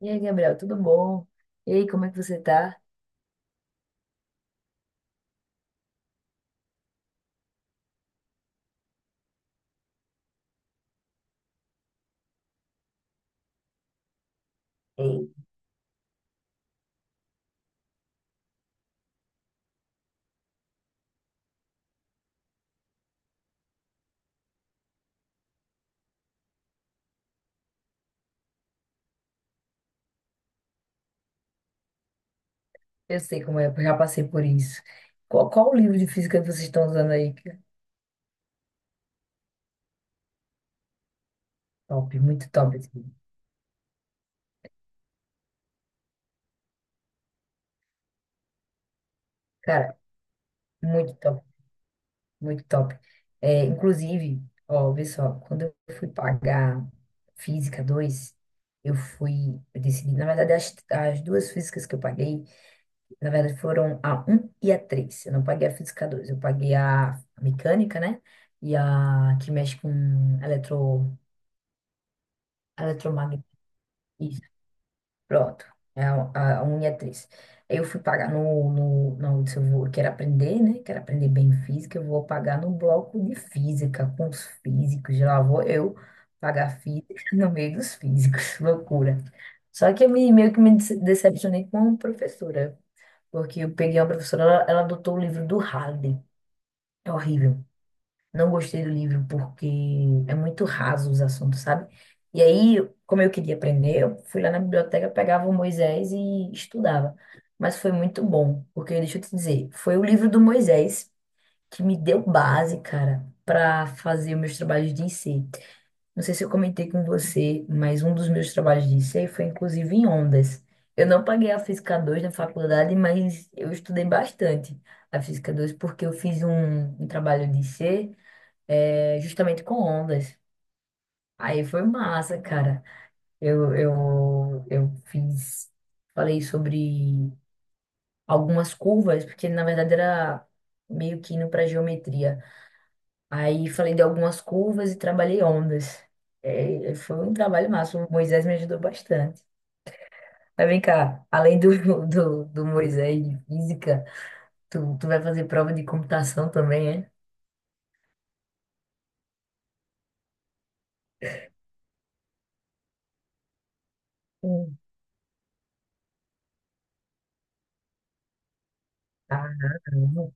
E aí, Gabriel, tudo bom? E aí, como é que você tá? Eu sei como é, eu já passei por isso. Qual o livro de física que vocês estão usando aí, cara? Top, muito top, esse livro. Cara, muito top, muito top. É, inclusive, ó, vê só, quando eu fui pagar Física 2, eu decidi, na verdade, as duas físicas que eu paguei, na verdade, foram a um e a 3. Eu não paguei a Física 2, eu paguei a mecânica, né? E a que mexe com eletro, eletromagnetismo. Isso, pronto. É a unha é três. Eu fui pagar no se eu vou, eu quero aprender, né? Quero aprender bem física, eu vou pagar no bloco de física, com os físicos. Lá vou eu pagar física no meio dos físicos. Loucura. Só que meio que me decepcionei com a professora, porque eu peguei uma professora, ela adotou o livro do Halliday. É horrível. Não gostei do livro porque é muito raso os assuntos, sabe? E aí, como eu queria aprender, eu fui lá na biblioteca, pegava o Moisés e estudava. Mas foi muito bom, porque deixa eu te dizer, foi o livro do Moisés que me deu base, cara, para fazer meus trabalhos de IC. Não sei se eu comentei com você, mas um dos meus trabalhos de IC foi inclusive em ondas. Eu não paguei a Física 2 na faculdade, mas eu estudei bastante a Física 2 porque eu fiz um trabalho de IC, é, justamente com ondas. Aí foi massa, cara. Eu falei sobre algumas curvas, porque na verdade era meio que indo para geometria. Aí falei de algumas curvas e trabalhei ondas. É, foi um trabalho massa. O Moisés me ajudou bastante. Mas vem cá, além do Moisés de física, tu vai fazer prova de computação também, é? Sim. Ah, não.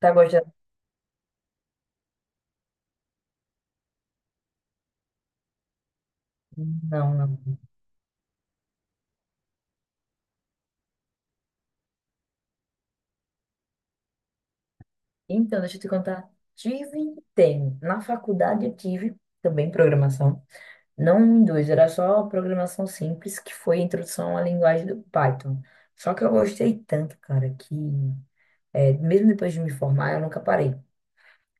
Tá gostando? Não, não. Então, deixa eu te contar. Tive, tem. Na faculdade eu tive também programação. Não em dois, era só programação simples, que foi a introdução à linguagem do Python. Só que eu gostei tanto, cara, que é, mesmo depois de me formar, eu nunca parei.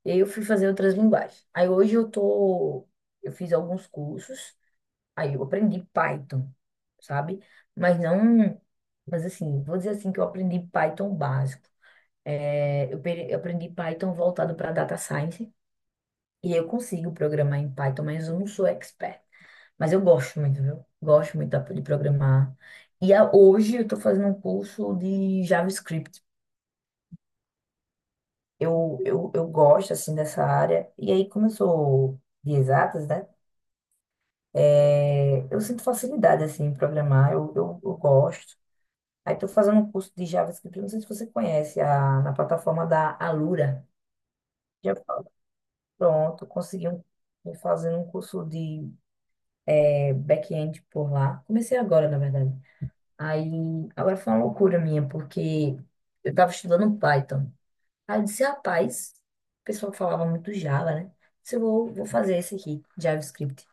E aí eu fui fazer outras linguagens. Aí hoje eu tô. Eu fiz alguns cursos, aí eu aprendi Python, sabe? Mas não. Mas assim, vou dizer assim que eu aprendi Python básico. É, eu aprendi Python voltado para data science e eu consigo programar em Python, mas eu não sou expert. Mas eu gosto muito, viu? Gosto muito de programar. E hoje eu estou fazendo um curso de JavaScript. Eu gosto, assim, dessa área. E aí, como eu sou de exatas, né? É, eu sinto facilidade, assim, em programar. Eu gosto. Aí estou fazendo um curso de JavaScript. Não sei se você conhece, na plataforma da Alura. Pronto, consegui um, tô fazendo um curso de back-end por lá. Comecei agora, na verdade. Aí, agora foi uma loucura minha, porque eu tava estudando Python. Aí eu disse, rapaz, o pessoal falava muito Java, né? Disse, eu vou fazer esse aqui, JavaScript.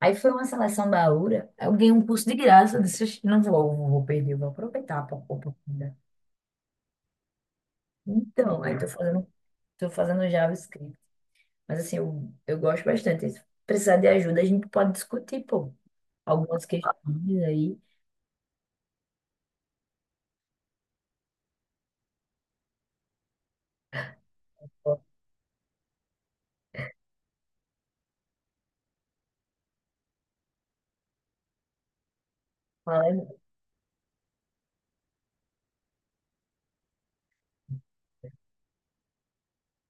Aí foi uma seleção da URA, aí eu ganhei um curso de graça. Eu disse, "Oxe, não vou, não vou perder, eu vou aproveitar a oportunidade." Então, aí tô fazendo JavaScript. Mas assim, eu gosto bastante. Se precisar de ajuda, a gente pode discutir, pô, algumas questões aí. Fala aí.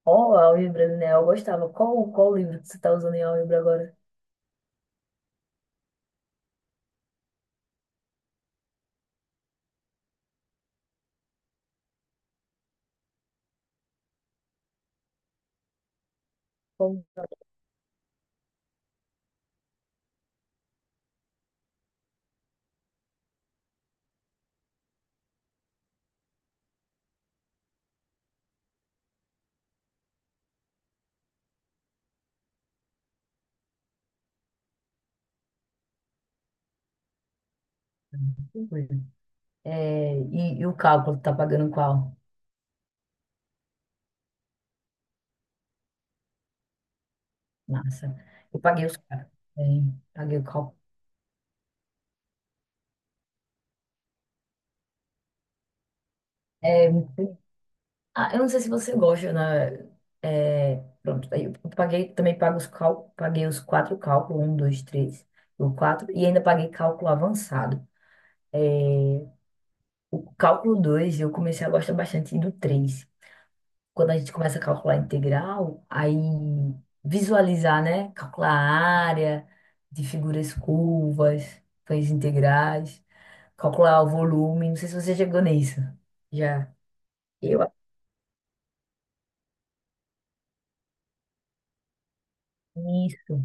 Qual é o livro, né? Eu gostava. Qual o livro que você está usando em livro agora? Qual? É, e o cálculo, tá pagando qual? Massa. Eu paguei os caras. É, paguei o cálculo. É, ah, eu não sei se você gosta, né? É, pronto, aí eu paguei, também paguei os quatro cálculos, um, dois, três, o quatro, e ainda paguei cálculo avançado. O cálculo 2 eu comecei a gostar bastante do três. Quando a gente começa a calcular integral, aí visualizar, né? Calcular a área de figuras curvas, feitas integrais, calcular o volume. Não sei se você chegou nisso. Já. Eu. Isso.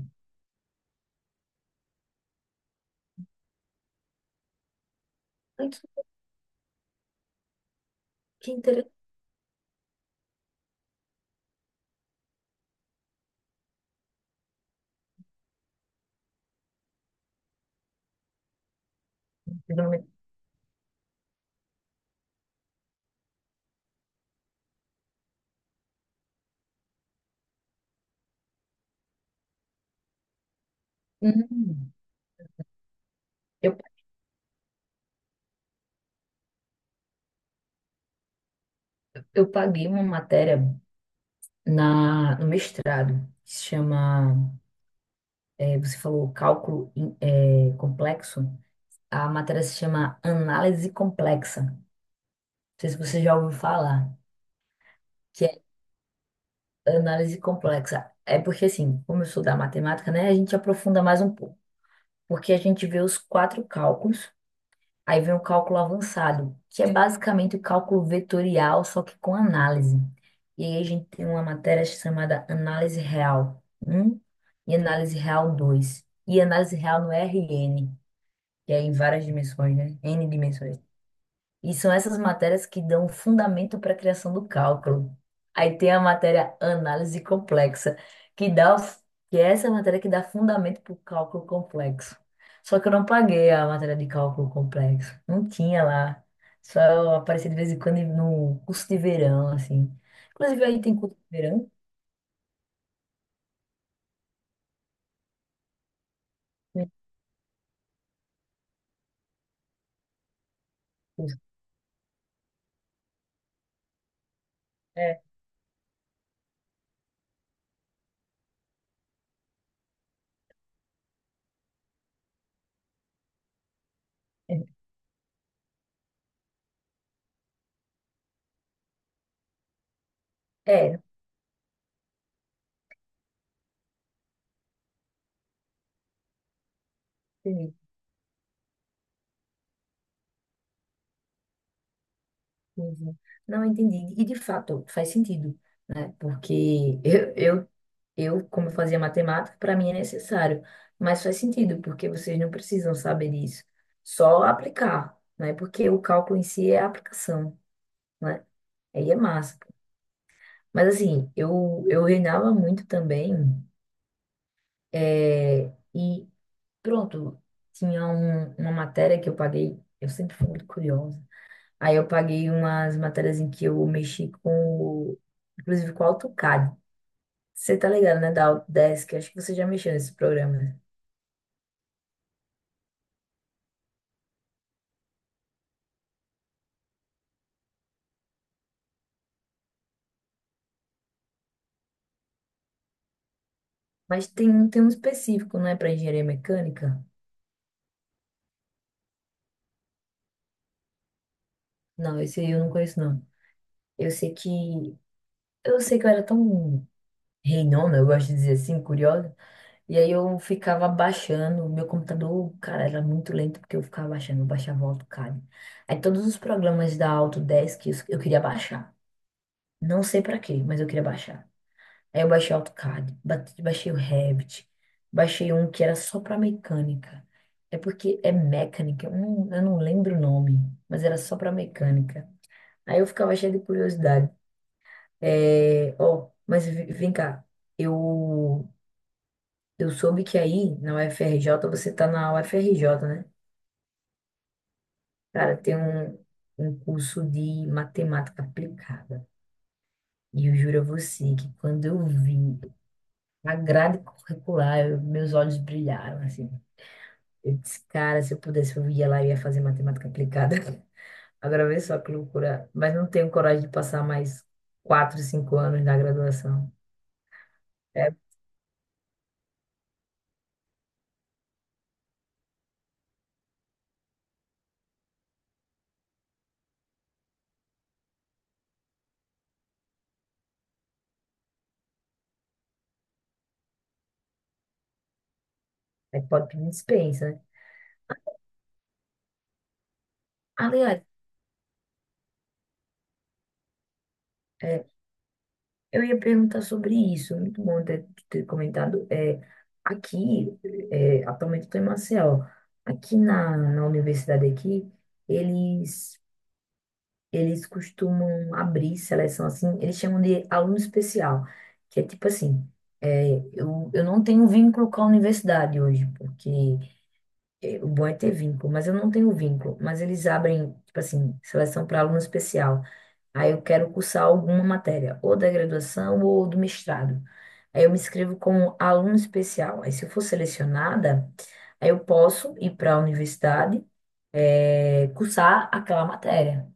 Ai, Que interessante. Hum, eu, eu paguei uma matéria no mestrado, que se chama, é, você falou cálculo complexo. A matéria se chama Análise Complexa. Não sei se você já ouviu falar, que é análise complexa. É porque, assim, como eu sou da matemática, né, a gente aprofunda mais um pouco. Porque a gente vê os quatro cálculos, aí vem o cálculo avançado, que é basicamente o cálculo vetorial, só que com análise. E aí a gente tem uma matéria chamada Análise Real um e Análise Real dois. E análise real no RN, que é em várias dimensões, né? N dimensões. E são essas matérias que dão fundamento para a criação do cálculo. Aí tem a matéria análise complexa, que dá, o- que é essa matéria que dá fundamento para o cálculo complexo. Só que eu não paguei a matéria de cálculo complexo. Não tinha lá. Só aparecia de vez em quando no curso de verão, assim. Inclusive, aí tem curso de verão, né? É, é, é, entendi. Entendi. Não entendi. E de fato, faz sentido. Porque eu como eu fazia matemática, para mim é necessário, mas faz sentido, porque vocês não precisam saber disso, só aplicar, né? Porque o cálculo em si é a aplicação, né? Aí é massa. Mas assim, eu reinava muito também, é, e pronto, tinha uma matéria que eu paguei, eu sempre fui muito curiosa, aí eu paguei umas matérias em que eu mexi o- inclusive com o AutoCAD. Você tá ligado, né, da Autodesk? Acho que você já mexeu nesse programa, né? Mas tem um específico, não é para engenharia mecânica? Não, esse aí eu não conheço, não. Eu sei que... Eu sei que eu era tão reinona, eu gosto de dizer assim, curiosa. E aí eu ficava baixando. O meu computador, cara, era muito lento porque eu ficava baixando. Eu baixava o AutoCAD. Aí todos os programas da Autodesk eu queria baixar. Não sei para quê, mas eu queria baixar. Aí eu baixei o AutoCAD, baixei o Revit, baixei um que era só para mecânica. É porque é mecânica, eu não lembro o nome, mas era só para mecânica. Aí eu ficava cheio de curiosidade. É, ó, mas vem cá, eu, eu soube que aí na UFRJ, você tá na UFRJ, né? Cara, tem um curso de matemática aplicada. E eu juro a você que quando eu vi a grade curricular, meus olhos brilharam, assim. Eu disse, cara, se eu pudesse, eu ia lá e ia fazer matemática aplicada. Agora vê só que loucura. Mas não tenho coragem de passar mais 4, 5 anos na graduação. É, é, pode pedir dispensa, né? Aliás, é, eu ia perguntar sobre isso. Muito bom ter comentado. É, aqui, é, atualmente eu estou em Maceió. Aqui na universidade aqui, eles eles costumam abrir seleção assim, eles chamam de aluno especial, que é tipo assim, é, eu não tenho vínculo com a universidade hoje, porque é, o bom é ter vínculo, mas eu não tenho vínculo, mas eles abrem, tipo assim, seleção para aluno especial. Aí eu quero cursar alguma matéria, ou da graduação ou do mestrado. Aí eu me inscrevo como aluno especial. Aí se eu for selecionada, aí eu posso ir para a universidade, é, cursar aquela matéria.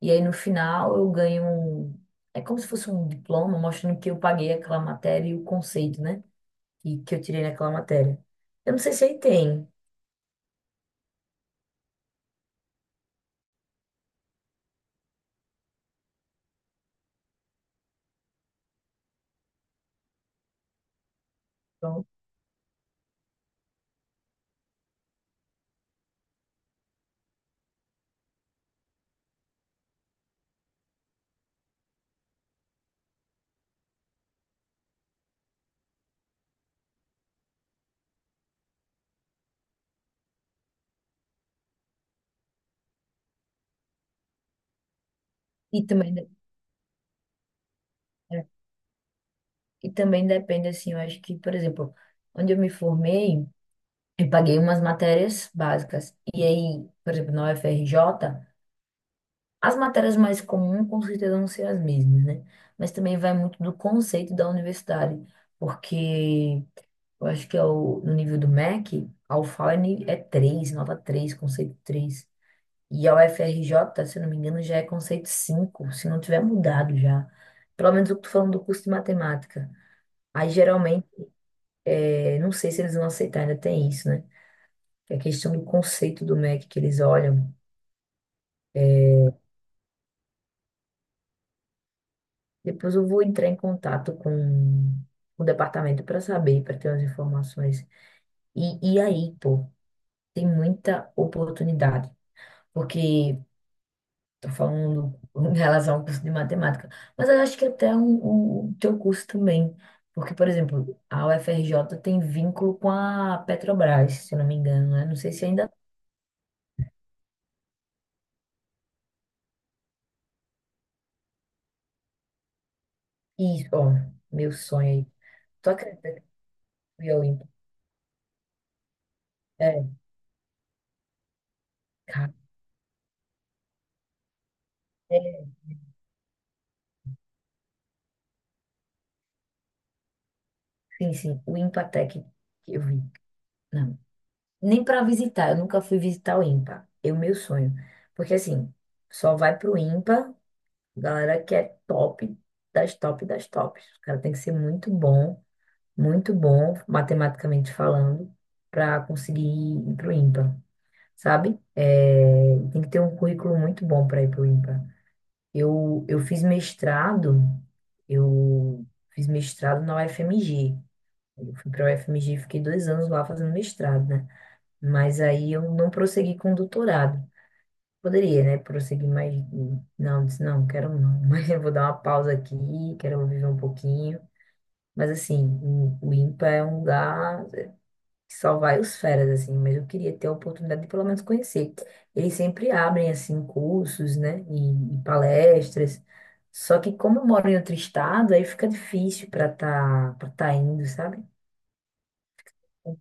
E aí no final eu ganho um. É como se fosse um diploma mostrando que eu paguei aquela matéria e o conceito, né? E que eu tirei naquela matéria. Eu não sei se aí tem. Então, e também, de- é, e também depende, assim, eu acho que, por exemplo, onde eu me formei, eu paguei umas matérias básicas. E aí, por exemplo, na UFRJ, as matérias mais comuns com certeza vão ser as mesmas, né? Mas também vai muito do conceito da universidade, porque eu acho que é no nível do MEC, a UFAL é é 3 nota 3 conceito três. E a UFRJ, se eu não me engano, já é conceito 5 se não tiver mudado já. Pelo menos eu tô falando do curso de matemática. Aí, geralmente, é, não sei se eles vão aceitar, ainda tem isso, né? Que é a questão do conceito do MEC que eles olham. Depois eu vou entrar em contato com o departamento para saber, para ter as informações. E, e aí, pô, tem muita oportunidade. Porque estou falando em relação ao curso de matemática, mas eu acho que até o teu curso também, porque, por exemplo, a UFRJ tem vínculo com a Petrobras, se eu não me engano, né? Não sei se ainda... Isso, ó, meu sonho aí. Tu acredita que eu ia ao IMPA? É, cara, é, sim, sim, o IMPATEC que eu vi. Não, nem para visitar, eu nunca fui visitar o IMPA, é o meu sonho. Porque, assim, só vai pro IMPA, galera que é top das tops. O cara tem que ser muito bom, matematicamente falando, para conseguir ir para o IMPA, sabe? É, tem que ter um currículo muito bom para ir para o IMPA. Eu fiz mestrado, eu fiz mestrado na UFMG. Eu fui para a UFMG, e fiquei 2 anos lá fazendo mestrado, né? Mas aí eu não prossegui com o doutorado. Poderia, né? Prosseguir, mas não, disse, não, quero não. Mas eu vou dar uma pausa aqui, quero viver um pouquinho. Mas assim, o IMPA é um lugar que só vai os feras, assim, mas eu queria ter a oportunidade de pelo menos conhecer. Eles sempre abrem, assim, cursos, né, e palestras. Só que como eu moro em outro estado, aí fica difícil para tá indo, sabe? É.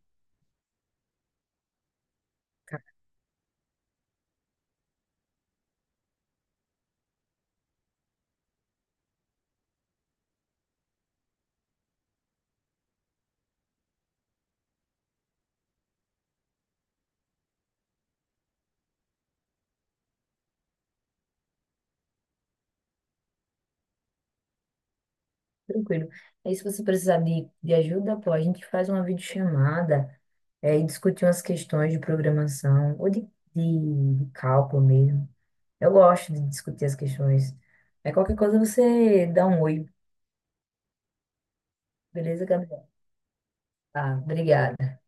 Tranquilo. Aí se você precisar de ajuda, pô, a gente faz uma videochamada, e discute umas questões de programação ou de cálculo mesmo. Eu gosto de discutir as questões. É qualquer coisa você dá um oi, beleza, Gabriel? Ah, obrigada.